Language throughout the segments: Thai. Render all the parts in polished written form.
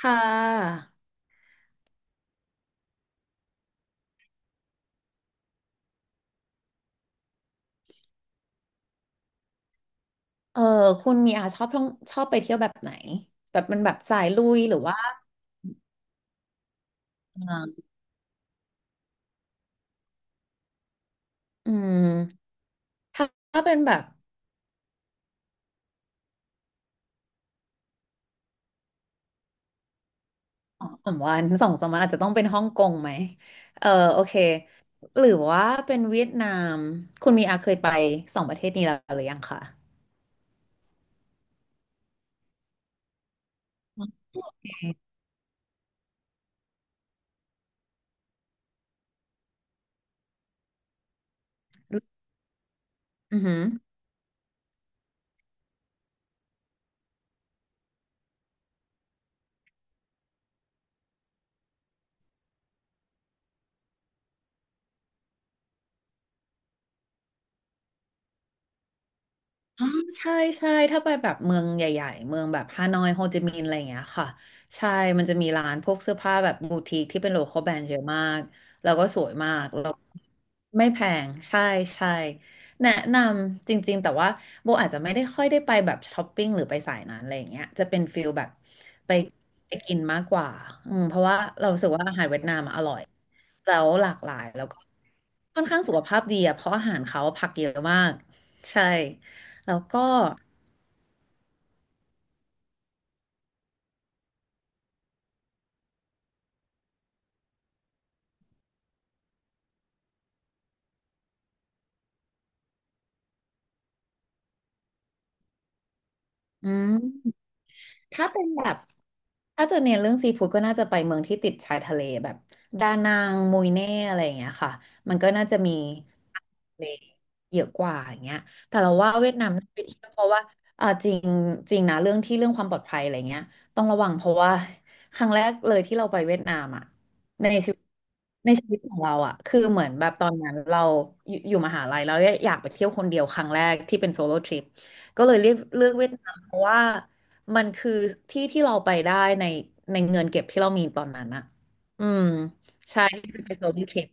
ค่ะเออคุณมีอาชอบท่องชอบไปเที่ยวแบบไหน แบบมันแบบสายลุยหรือว่าเมืองอืมถ้าเป็นแบบสองสามวันอาจจะต้องเป็นฮ่องกงไหมเออโอเค หรือว่าเป็นเวียดนาม คุณมีอาเคยไปสองประเทศนี้แล้วหรือยังคะอือหือ อ๋อใช่ใช่ถ้าไปแบบเมืองใหญ่ๆเมืองแบบฮานอยโฮจิมินห์อะไรอย่างเงี้ยค่ะใช่มันจะมีร้านพวกเสื้อผ้าแบบบูติกที่เป็นโลคอลแบรนด์เยอะมากแล้วก็สวยมากแล้วไม่แพงใช่ใช่แนะนำจริงๆแต่ว่าโบอาจจะไม่ได้ค่อยได้ไปแบบช้อปปิ้งหรือไปสายนั้นอะไรอย่างเงี้ยจะเป็นฟิลแบบไปกินมากกว่าอืมเพราะว่าเรารู้สึกว่าอาหารเวียดนามอะอร่อยแล้วหลากหลายแล้วก็ค่อนข้างสุขภาพดีอะเพราะอาหารเขาผักเยอะมากใช่ แล้วก็อืมถ้าเป็นแบบ ถ้าจะเน้นเรื่องซีฟู้ดก็น่าจะไปเมืองที่ติดชายทะเลแบบดานังมุยเน่อะไรอย่างเงี้ยค่ะ มันก็น่าจะมี เล็กเยอะกว่าอย่างเงี้ยแต่เราว่าเวียดนามน่าไปเที่ยวเพราะว่าจริงจริงนะเรื่องที่เรื่องความปลอดภัยอะไรเงี้ยต้องระวังเพราะว่าครั้งแรกเลยที่เราไปเวียดนามอ่ะในชีวิตของเราอ่ะคือเหมือนแบบตอนนั้นเราอยู่มหาลัยแล้วอยากไปเที่ยวคนเดียวครั้งแรกที่เป็นโซโล่ทริปก็เลยเลือกเวียดนามเพราะว่ามันคือที่ที่เราไปได้ในเงินเก็บที่เรามีตอนนั้นอ่ะอืมใช่ที่เป็นโซโล่ทริป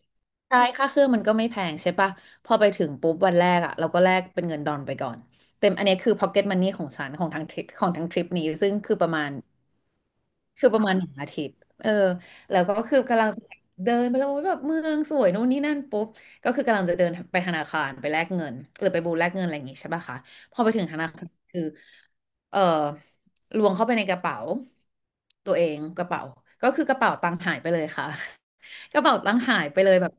ใช่ค่าเครื่องมันก็ไม่แพงใช่ปะ พอไปถึงปุ๊บวันแรกอ่ะเราก็แลกเป็นเงินดอลไปก่อนเต็มอันนี้คือ pocket money ของฉันของทางทริปของทางทริปนี้ซึ่งคือประมาณ คือประมาณหนึ่งอาทิตย์เออแล้วก็คือกำลังเดินไปแล้วแบบเมืองสวยโน่นนี่นั่นปุ๊บก็คือกำลังจะเดินไปธนาคารไปแลกเงินหรือไปบูธแลกเงินอะไรอย่างงี้ใช่ป่ะคะพอไปถึงธนาคารคือเออล้วงเข้าไปในกระเป๋าตัวเองกระเป๋าก็คือกระเป๋าตังค์หายไปเลยค่ะ กระเป๋าตังค์หายไปเลยแบบ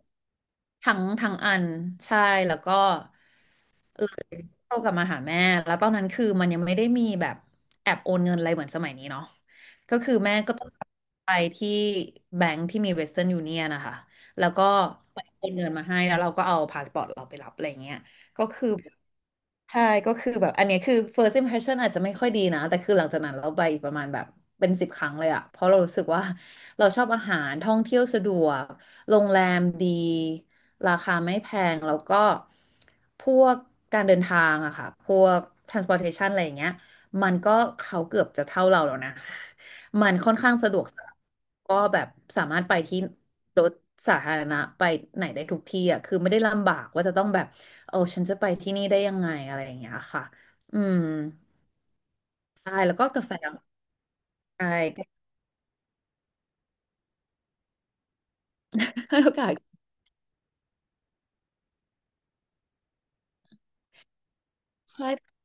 ทั้งอันใช่แล้วก็ โตกลับมาหาแม่ แล้วตอนนั้นคือมันยังไม่ได้มีแบบแอบโอนเงินอะไรเหมือนสมัยนี้เนาะก็คือแม่ก็ต้องไปที่แบงก์ที่มีเวสเทิร์นยูเนียนนะคะ แล้วก็ไปโอนเงินมาให้ แล้วเราก็เอาพาสปอร์ตเราไปรับอะไรเงี้ยก็คือ ใช่ก็คือแบบอันเนี้ยคือ first impression อาจจะไม่ค่อยดีนะแต่คือหลังจากนั้นเราไปอีกประมาณแบบเป็นสิบครั้งเลยอะเพราะเรารู้สึกว่าเราชอบอาหารท่องเที่ยวสะดวกโรงแรมดีราคาไม่แพงแล้วก็พวกการเดินทางอะค่ะพวก transportation อะไรอย่างเงี้ยมันก็เขาเกือบจะเท่าเราแล้วนะ มันค่อนข้างสะดวกสบายก็แบบสามารถไปที่รถสาธารณะไปไหนได้ทุกที่อ่ะคือไม่ได้ลำบากว่าจะต้องแบบเออฉันจะไปที่นี่ได้ยังไงอะไรอย่างเงี้ยค่ะอืมใช่แล้วก็กาแฟใช่ให้โอกาสใช่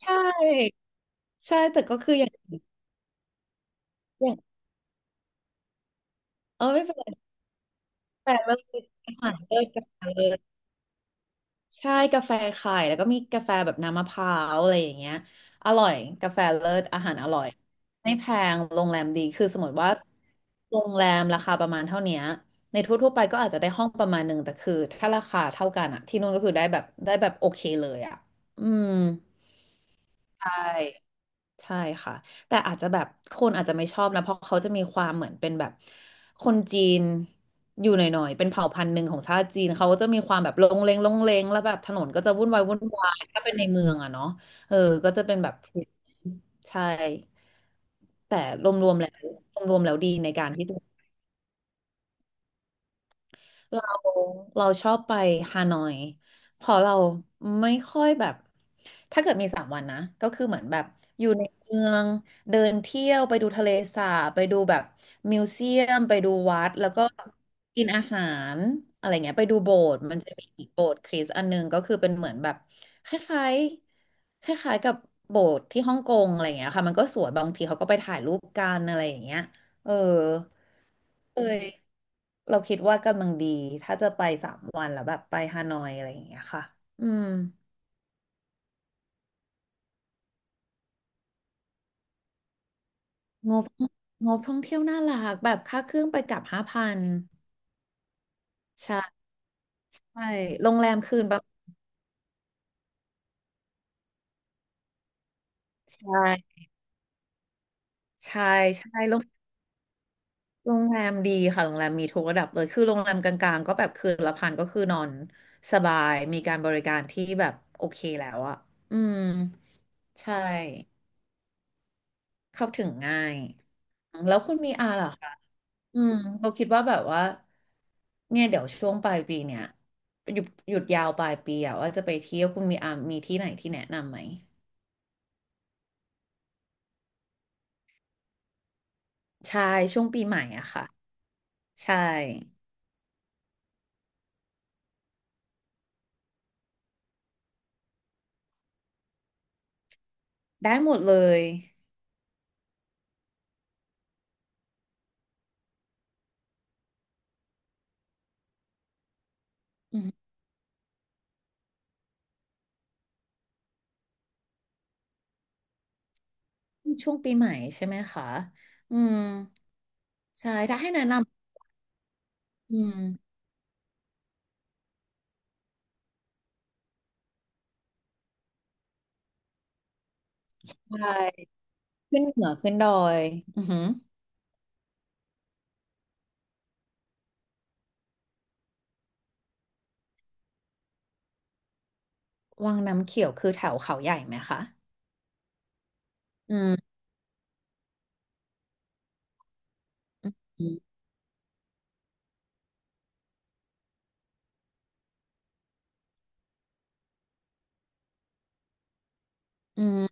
ใช่ใช่แต่ก็คืออย่างอย่างเออไม่เป็นไรกาแฟเลิศอาหารเลิศกาแฟเลิศ ใช่กาแฟไข่แล้วก็มีกาแฟแบบน้ำมะพร้าวอะไรอย่างเงี้ยอร่อยกาแฟเลิศอาหารอร่อยไม่แพงโรงแรมดีคือสมมติว่าโรงแรมราคาประมาณเท่าเนี้ยในทั่วๆไปก็อาจจะได้ห้องประมาณหนึ่งแต่คือถ้าราคาเท่ากันอะที่นู่นก็คือได้แบบโอเคเลยอะอืมใช่ ใช่ค่ะแต่อาจจะแบบคนอาจจะไม่ชอบนะเพราะเขาจะมีความเหมือนเป็นแบบคนจีนอยู่หน่อยๆเป็นเผ่าพันธุ์หนึ่งของชาติจีนเขาก็จะมีความแบบลงเลงแล้วแบบถนนก็จะวุ่นวายถ้าเป็นในเมืองอะเนาะเออก็จะเป็นแบบใช่แต่รวมๆแล้วรวมๆแล้วดีในการที่ดู เราเราชอบไปฮานอยเพอเราไม่ค่อยแบบถ้าเกิดมีสามวันนะก็คือเหมือนแบบอยู่ในเมืองเดินเที่ยวไปดูทะเลสาบไปดูแบบมิวเซียมไปดูวัดแล้วก็กินอาหารอะไรเงี้ยไปดูโบสถ์มันจะมีอีกโบสถ์คริสต์อันหนึงก็คือเป็นเหมือนแบบคล้ายๆคล้ายๆกับโบสถ์ที่ฮ่องกงอะไรเงี้ยค่ะมันก็สวยบางทีเขาก็ไปถ่ายรูปกันอะไรอย่างเงี้ยเออ เอ้ยเราคิดว่ากำลังดีถ้าจะไปสามวันแล้วแบบไปฮานอยอะไรอย่างเงี้ยค่ะอืมงบงบท่องเที่ยวน่ารักแบบค่าเครื่องไปกลับห้าพันใช่ใช่โรงแรมคืนแบบใช่ใช่ใช่โรงแรมดีค่ะโรงแรมมีทุกระดับเลยคือโรงแรมกลางๆก็แบบคืนละพันก็คือนอนสบายมีการบริการที่แบบโอเคแล้วอะอืมใช่เข้าถึงง่ายแล้วคุณมีอาเหรอ อืมเราคิดว่าแบบว่าเนี่ยเดี๋ยวช่วงปลายปีเนี่ยหยุดยาวปลายปีอะว่าจะไปเที่ยวคุณมีอามีที่ไหนที่แนะนำไหมใช่ช่วงปีใหม่อะค่ะใช่ได้หมดเลยอืมช่วงปีใหม่ใช่ไหมคะอืมใช่ถ้าให้แนะนำอืมใช่ขึ้นเหนือขึ้นดอยอือหือวังน้ำเขียวคือแถวเขาใหญ่ไหมคะอืมอืมอืม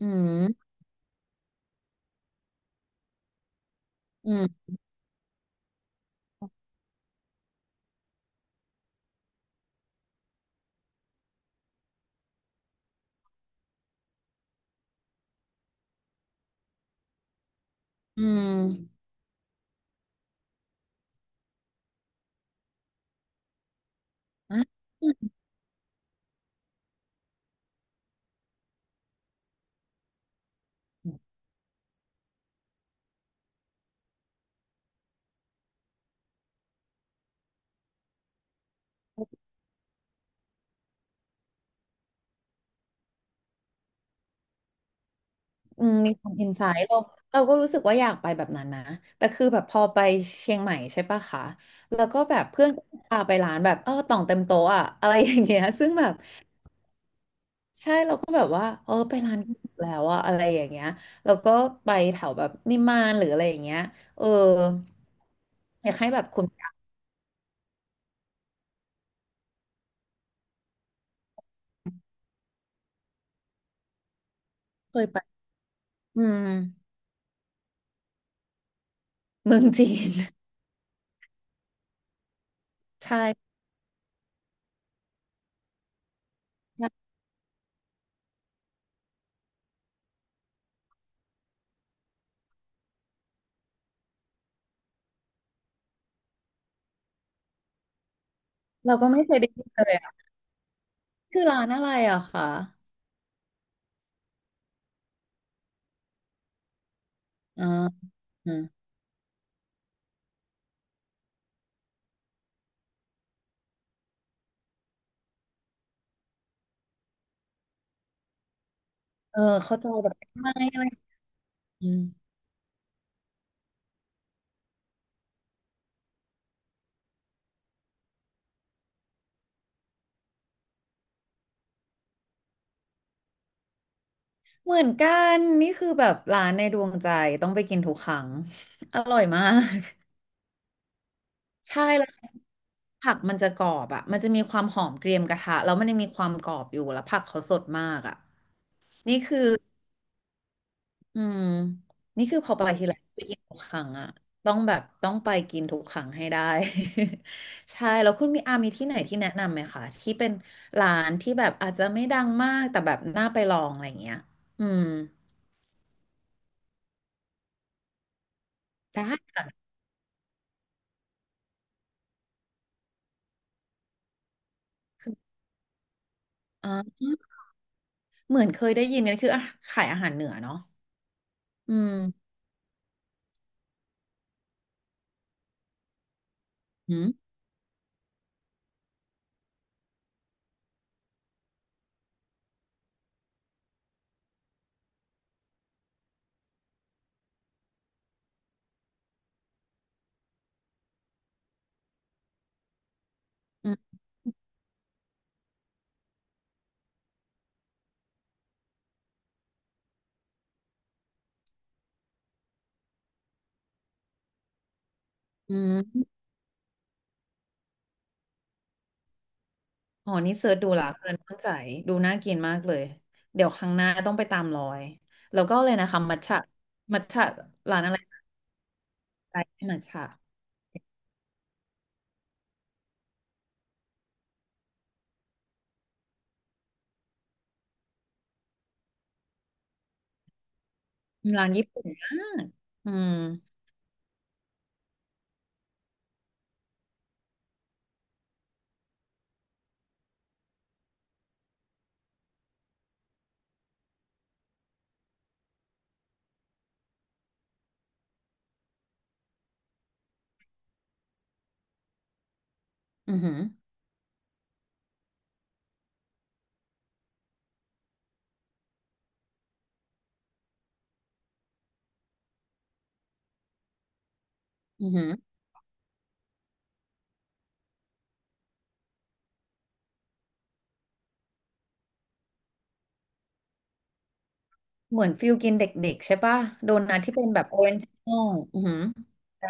อืมอืมอืมอืมอ่ะ อืมมีความอินไซต์เราก็รู้สึกว่าอยากไปแบบนั้นนะแต่คือแบบพอไปเชียงใหม่ใช่ปะคะแล้วก็แบบเพื่อนก็พาไปร้านแบบเออต่องเต็มโต๊ะอะอะไรอย่างเงี้ยซึ่งแบบใช่เราก็แบบว่าเออไปร้านที่ถูกแล้วอะอะไรอย่างเงี้ยแล้วก็ไปแถวแบบนิมมานหรืออะไรอย่างเงี้ยเอออยากให้แบบคุณเคยไปอืมเมืองจีน ใช่ใช่เราก็ไม่เคยได้ยินเลยอะคือร้านอะไรอะคะอ่าอืมเออเข้าใจแบบไม่อะไร อืมเหมือนกันนี่คือแบบร้านในดวงใจต้องไปกินทุกครั้ง อร่อยมาก ใช่แล้วผักมันจะกรอบอ่ะมันจะมีความหอมเกรียมกระทะแล้วมันยังมีความกรอบอยู่แล้วผักเขาสดมากอ่ะนี่คืออืมนี่คือพอไปทีไรไปกินทุกครั้งอ่ะต้องแบบต้องไปกินทุกครั้งให้ได้ ใช่แล้วคุณมีอามีที่ไหนที่แนะนำไหมคะที่เป็นร้านที่แบบอาจจะไม่ดังมากแต่แบบน่าไปลองอะไรอย่างเงี้ยอืมได้ค่ะ อ๋อเหมือนเคยได้ยินกันคืออ่ะขายอาหารเหนือเนาะอืมอืมอืมอืมอ๋อนี่เสิร์ชดูละเกินมั่นใจดูน่ากินมากเลยเดี๋ยวครั้งหน้าต้องไปตามรอยแล้วก็เลยนะคะมัทฉะมัทฉะร้านอะไรไปมัทฉะร้านญี่ปุ่นมากอืมอือหืออือหือเหมือนฟิลกินเด็กๆใช่ป่ะโดนัทที่เป็นแบบออเรนจ์โน่อือหือใช่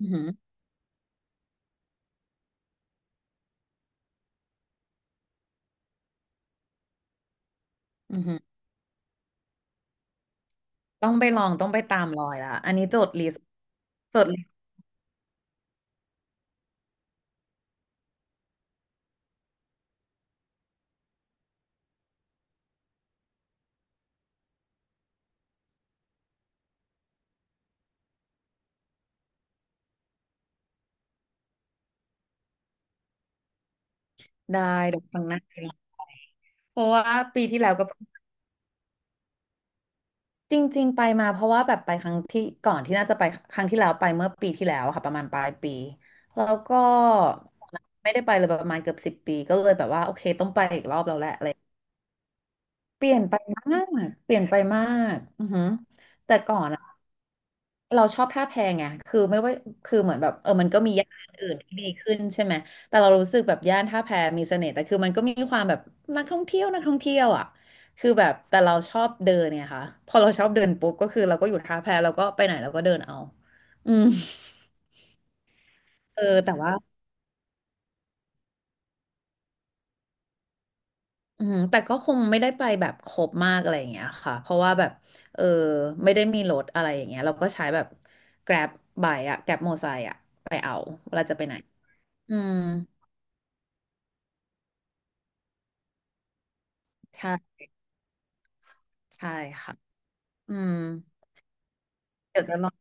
อือหืออือหือต้องไปลองต้องไปตามรอยละอันนี้จดลิสต์จดลิสต์ได้เดี๋ยวครั้งหน้าไปลอง เพราะว่าปีที่แล้วก็จริงๆไปมาเพราะว่าแบบไปครั้งที่ก่อนที่น่าจะไปครั้งที่แล้วไปเมื่อปีที่แล้วอะค่ะประมาณปลายปีแล้วก็ไม่ได้ไปเลยประมาณเกือบสิบปีก็เลยแบบว่าโอเคต้องไปอีกรอบแล้วแหละอะไรเปลี่ยนไปมากเปลี่ยนไปมากอือหือแต่ก่อนอะ เราชอบท่าแพไงคือไม่ว่าคือเหมือนแบบเออมันก็มีย่านอื่นที่ดีขึ้นใช่ไหมแต่เรารู้สึกแบบย่านท่าแพมีเสน่ห์แต่คือมันก็มีความแบบนักท่องเที่ยวอ่ะคือแบบแต่เราชอบเดินเนี่ยค่ะพอเราชอบเดินปุ๊บก็คือเราก็อยู่ท่าแพเราก็ไปไหนเราก็เดินเอาอืมเออแต่ว่าอืมแต่ก็คงไม่ได้ไปแบบครบมากอะไรอย่างเงี้ยค่ะเพราะว่าแบบเออไม่ได้มีรถอะไรอย่างเงี้ยเราก็ใช้แบบ Grab ไบค์อะ Grab มอเตอร์ไซค์อะไปเอาเวลาจะไปไหนอืมใช่ ใช่ค่ะอืมเดี๋ยวจะลอง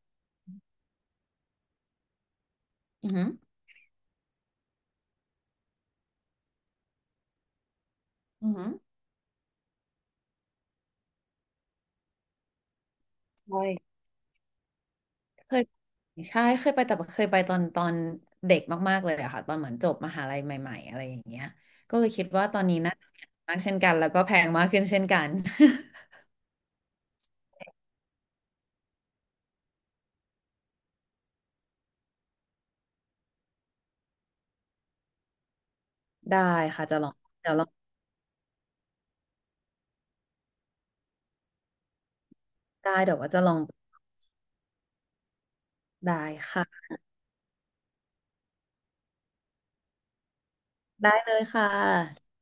อือหืออือหือไปเคยใช่เคยไปแต่เคยไปตอนเด็กมากๆเลยอะค่ะตอนเหมือนจบมหาลัยใหม่ๆอะไรอย่างเงี้ยก็เลยคิดว่าตอนนี้น่าจะแพงมากเช่นกันแล้วก็แพงมากขึ้นเช่นกัน ได้ค่ะจะลองเดี๋ยวลองได้เดี๋ยวว่าจะลองได้ค่ะได้เลยค่ะ